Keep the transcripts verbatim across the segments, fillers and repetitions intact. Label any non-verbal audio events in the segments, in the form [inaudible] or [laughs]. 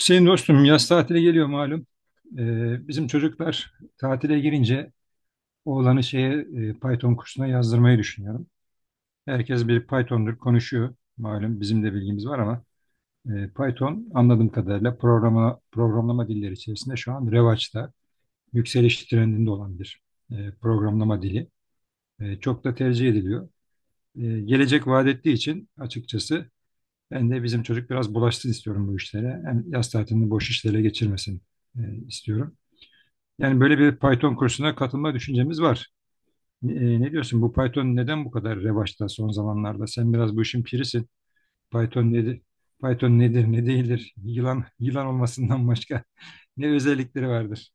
Hüseyin dostum yaz tatili geliyor malum. Ee, bizim çocuklar tatile girince oğlanı şeye e, Python kursuna yazdırmayı düşünüyorum. Herkes bir Python'dur konuşuyor. Malum bizim de bilgimiz var ama e, Python anladığım kadarıyla programa, programlama dilleri içerisinde şu an revaçta, yükseliş trendinde olan bir e, programlama dili. E, çok da tercih ediliyor. E, gelecek vaat ettiği için açıkçası ben de bizim çocuk biraz bulaşsın istiyorum bu işlere. Hem yaz tatilini boş işlere geçirmesin e, istiyorum. Yani böyle bir Python kursuna katılma düşüncemiz var. Ne, e, ne diyorsun? Bu Python neden bu kadar revaçta son zamanlarda? Sen biraz bu işin pirisin. Python nedir? Python nedir, ne değildir? Yılan yılan olmasından başka [laughs] ne özellikleri vardır?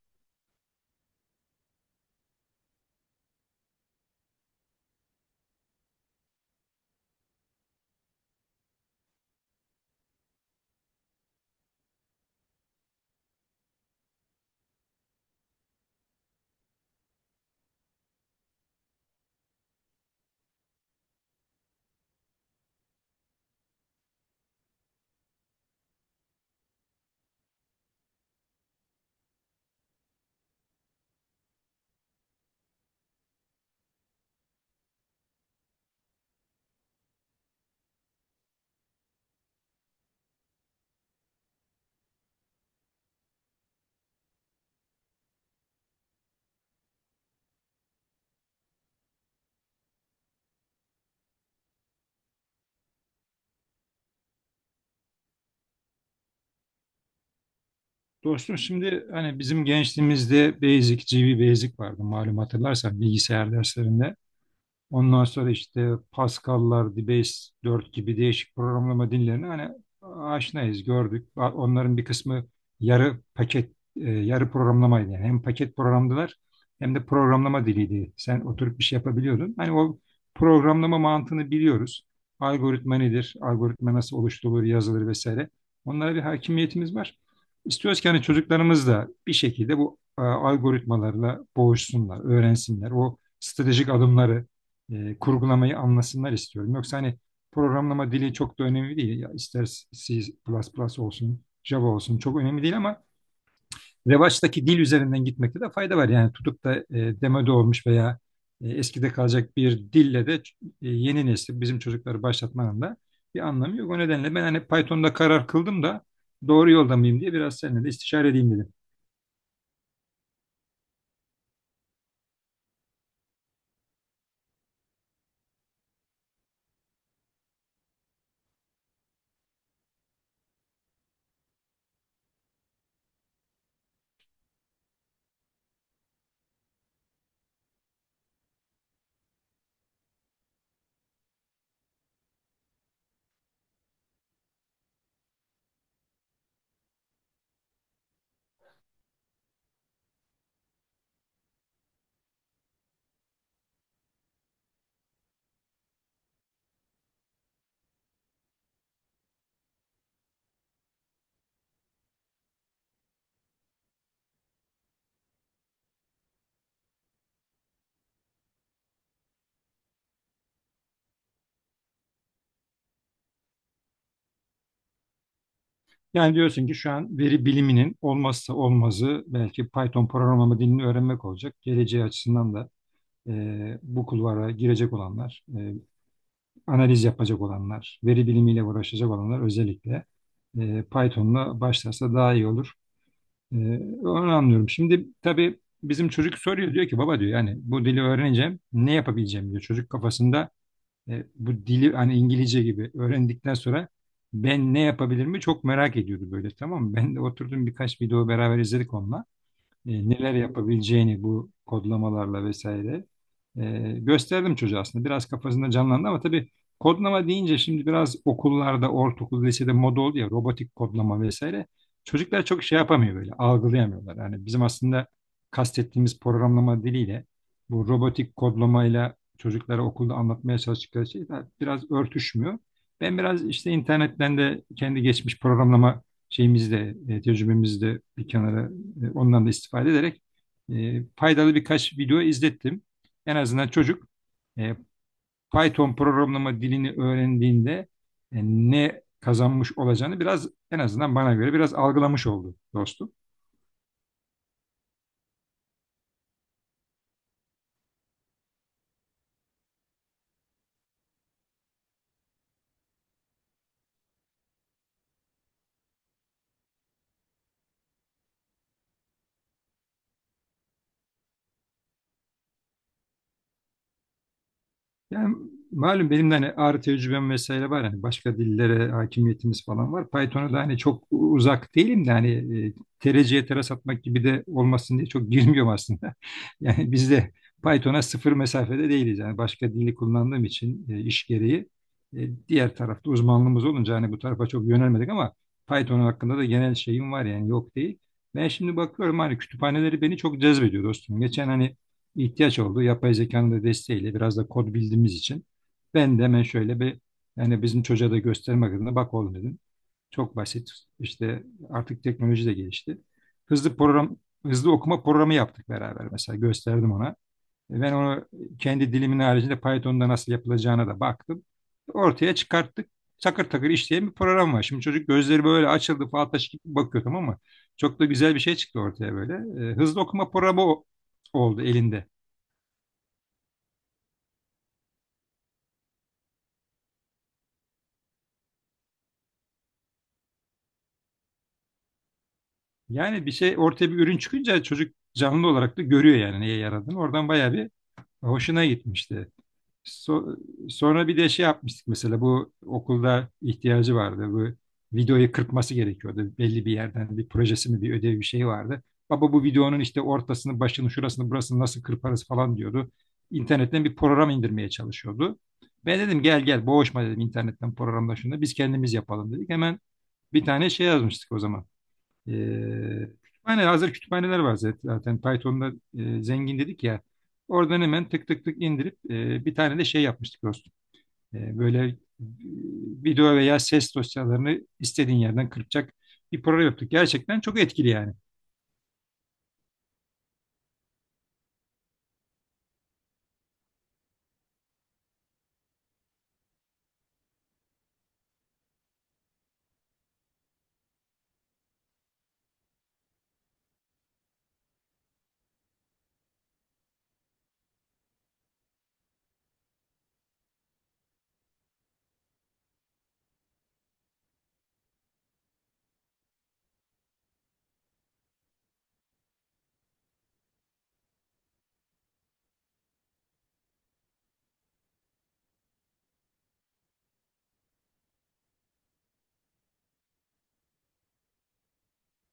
Dostum şimdi hani bizim gençliğimizde Basic, G B Basic vardı malum hatırlarsan bilgisayar derslerinde. Ondan sonra işte Pascal'lar, Debase dört gibi değişik programlama dillerini hani aşinayız, gördük. Onların bir kısmı yarı paket, e, yarı programlamaydı. Yani hem paket programdılar hem de programlama diliydi. Sen oturup bir şey yapabiliyordun. Hani o programlama mantığını biliyoruz. Algoritma nedir? Algoritma nasıl oluşturulur, yazılır vesaire. Onlara bir hakimiyetimiz var. İstiyoruz ki hani çocuklarımız da bir şekilde bu e, algoritmalarla boğuşsunlar, öğrensinler. O stratejik adımları e, kurgulamayı anlasınlar istiyorum. Yoksa hani programlama dili çok da önemli değil. Ya ister C++ olsun, Java olsun çok önemli değil ama revaçtaki dil üzerinden gitmekte de fayda var. Yani tutup da e, demode olmuş veya e, eskide kalacak bir dille de e, yeni nesil bizim çocukları başlatmanın da bir anlamı yok. O nedenle ben hani Python'da karar kıldım da doğru yolda mıyım diye biraz seninle de istişare edeyim dedim. Yani diyorsun ki şu an veri biliminin olmazsa olmazı belki Python programlama dilini öğrenmek olacak. Geleceği açısından da e, bu kulvara girecek olanlar, e, analiz yapacak olanlar, veri bilimiyle uğraşacak olanlar özellikle e, Python'la başlarsa daha iyi olur. E, Onu anlıyorum. Şimdi tabii bizim çocuk soruyor diyor ki baba diyor yani bu dili öğreneceğim ne yapabileceğim diyor. Çocuk kafasında e, bu dili hani İngilizce gibi öğrendikten sonra ben ne yapabilir mi çok merak ediyordu böyle tamam mı? Ben de oturdum birkaç video beraber izledik onunla e, neler yapabileceğini bu kodlamalarla vesaire e, gösterdim çocuğa aslında. Biraz kafasında canlandı ama tabii kodlama deyince şimdi biraz okullarda, ortaokul, lisede moda oldu ya robotik kodlama vesaire. Çocuklar çok şey yapamıyor böyle, algılayamıyorlar. Yani bizim aslında kastettiğimiz programlama diliyle bu robotik kodlamayla çocuklara okulda anlatmaya çalıştıkları şey biraz örtüşmüyor. Ben biraz işte internetten de kendi geçmiş programlama şeyimizde, e, tecrübemizde bir kenara e, ondan da istifade ederek e, faydalı birkaç video izlettim. En azından çocuk e, Python programlama dilini öğrendiğinde e, ne kazanmış olacağını biraz en azından bana göre biraz algılamış oldu dostum. Yani malum benim de hani ağrı tecrübem vesaire var. Hani başka dillere hakimiyetimiz falan var. Python'a da hani çok uzak değilim de hani e, tereciye teras atmak gibi de olmasın diye çok girmiyorum aslında. [laughs] Yani biz de Python'a sıfır mesafede değiliz. Yani başka dili kullandığım için e, iş gereği e, diğer tarafta uzmanlığımız olunca hani bu tarafa çok yönelmedik ama Python hakkında da genel şeyim var yani yok değil. Ben şimdi bakıyorum hani kütüphaneleri beni çok cezbediyor dostum. Geçen hani ihtiyaç oldu. Yapay zekanın da desteğiyle biraz da kod bildiğimiz için ben de hemen şöyle bir yani bizim çocuğa da göstermek adına bak oğlum dedim. Çok basit. İşte artık teknoloji de gelişti. Hızlı program Hızlı okuma programı yaptık beraber mesela gösterdim ona. E, Ben onu kendi dilimin haricinde Python'da nasıl yapılacağına da baktım. Ortaya çıkarttık. Takır takır işleyen bir program var. Şimdi çocuk gözleri böyle açıldı fal taşı gibi bakıyor tamam mı? Çok da güzel bir şey çıktı ortaya böyle. E, hızlı okuma programı o- oldu elinde. Yani bir şey ortaya bir ürün çıkınca çocuk canlı olarak da görüyor yani neye yaradığını. Oradan bayağı bir hoşuna gitmişti. So- Sonra bir de şey yapmıştık mesela bu okulda ihtiyacı vardı. Bu videoyu kırpması gerekiyordu. Belli bir yerden bir projesi mi bir ödevi bir şey vardı. Baba bu videonun işte ortasını, başını, şurasını, burasını nasıl kırparız falan diyordu. İnternetten bir program indirmeye çalışıyordu. Ben dedim gel gel boğuşma dedim internetten programla şunu da biz kendimiz yapalım dedik. Hemen bir tane şey yazmıştık o zaman. Ee, kütüphane Hazır kütüphaneler var zaten. Zaten Python'da e, zengin dedik ya. Oradan hemen tık tık tık indirip e, bir tane de şey yapmıştık dostum. E, böyle e, video veya ses dosyalarını istediğin yerden kırpacak bir program yaptık. Gerçekten çok etkili yani.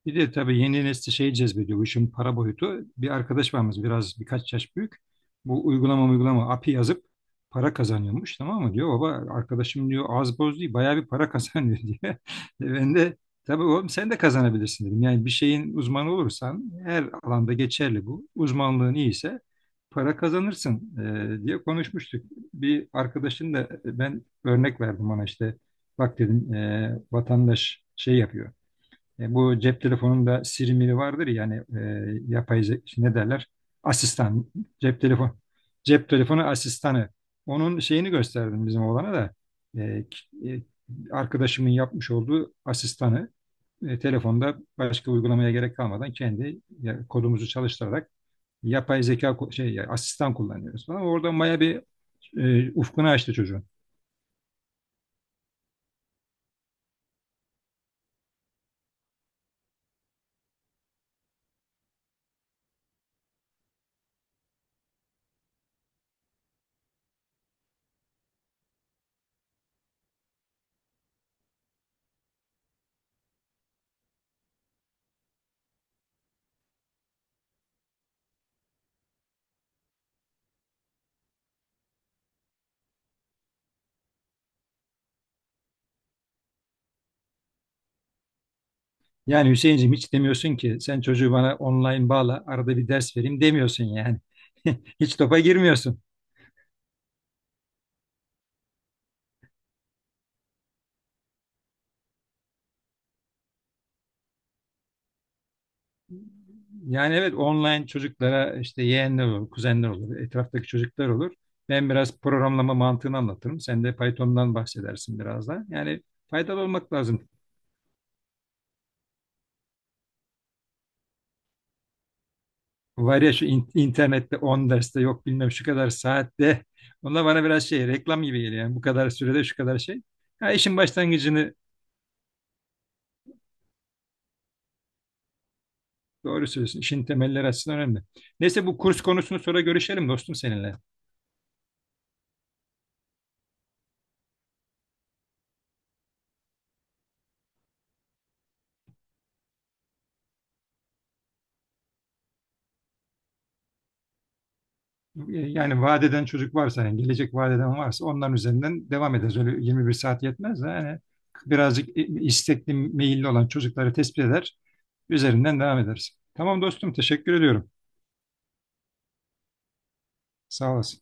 Bir de tabii yeni nesli şey cezbediyor. Bu işin para boyutu. Bir arkadaş varmış biraz birkaç yaş büyük. Bu uygulama uygulama A P I yazıp para kazanıyormuş tamam mı diyor. Baba arkadaşım diyor az boz değil bayağı bir para kazanıyor [laughs] diyor. E Ben de tabii oğlum sen de kazanabilirsin dedim. Yani bir şeyin uzmanı olursan her alanda geçerli bu. Uzmanlığın iyiyse para kazanırsın e, diye konuşmuştuk. Bir arkadaşın da e, ben örnek verdim ona işte bak dedim e, vatandaş şey yapıyor e, bu cep telefonunda Siri miri vardır ya hani e, yapay ze- işte ne derler? Asistan, cep telefon, cep telefonu asistanı. Onun şeyini gösterdim bizim oğlana da. E, k- e, Arkadaşımın yapmış olduğu asistanı e, telefonda başka uygulamaya gerek kalmadan kendi ya, kodumuzu çalıştırarak yapay zeka ku- şey ya, asistan kullanıyoruz falan. Orada maya bir e, ufkunu açtı çocuğun. Yani Hüseyin'cim hiç demiyorsun ki sen çocuğu bana online bağla arada bir ders vereyim demiyorsun yani. [laughs] Hiç topa girmiyorsun. Yani evet online çocuklara işte yeğenler olur, kuzenler olur, etraftaki çocuklar olur. Ben biraz programlama mantığını anlatırım. Sen de Python'dan bahsedersin biraz da. Yani faydalı olmak lazım. Var ya şu in- internette on derste yok bilmem şu kadar saatte. Onlar bana biraz şey reklam gibi geliyor. Yani bu kadar sürede şu kadar şey. Ya işin başlangıcını doğru söylüyorsun. İşin temelleri açısından önemli. Neyse bu kurs konusunu sonra görüşelim dostum seninle. Yani vaat eden çocuk varsa, yani gelecek vaat eden varsa onların üzerinden devam ederiz. Öyle yirmi bir saat yetmez de yani birazcık istekli, meyilli olan çocukları tespit eder. Üzerinden devam ederiz. Tamam dostum, teşekkür ediyorum. Sağ olasın.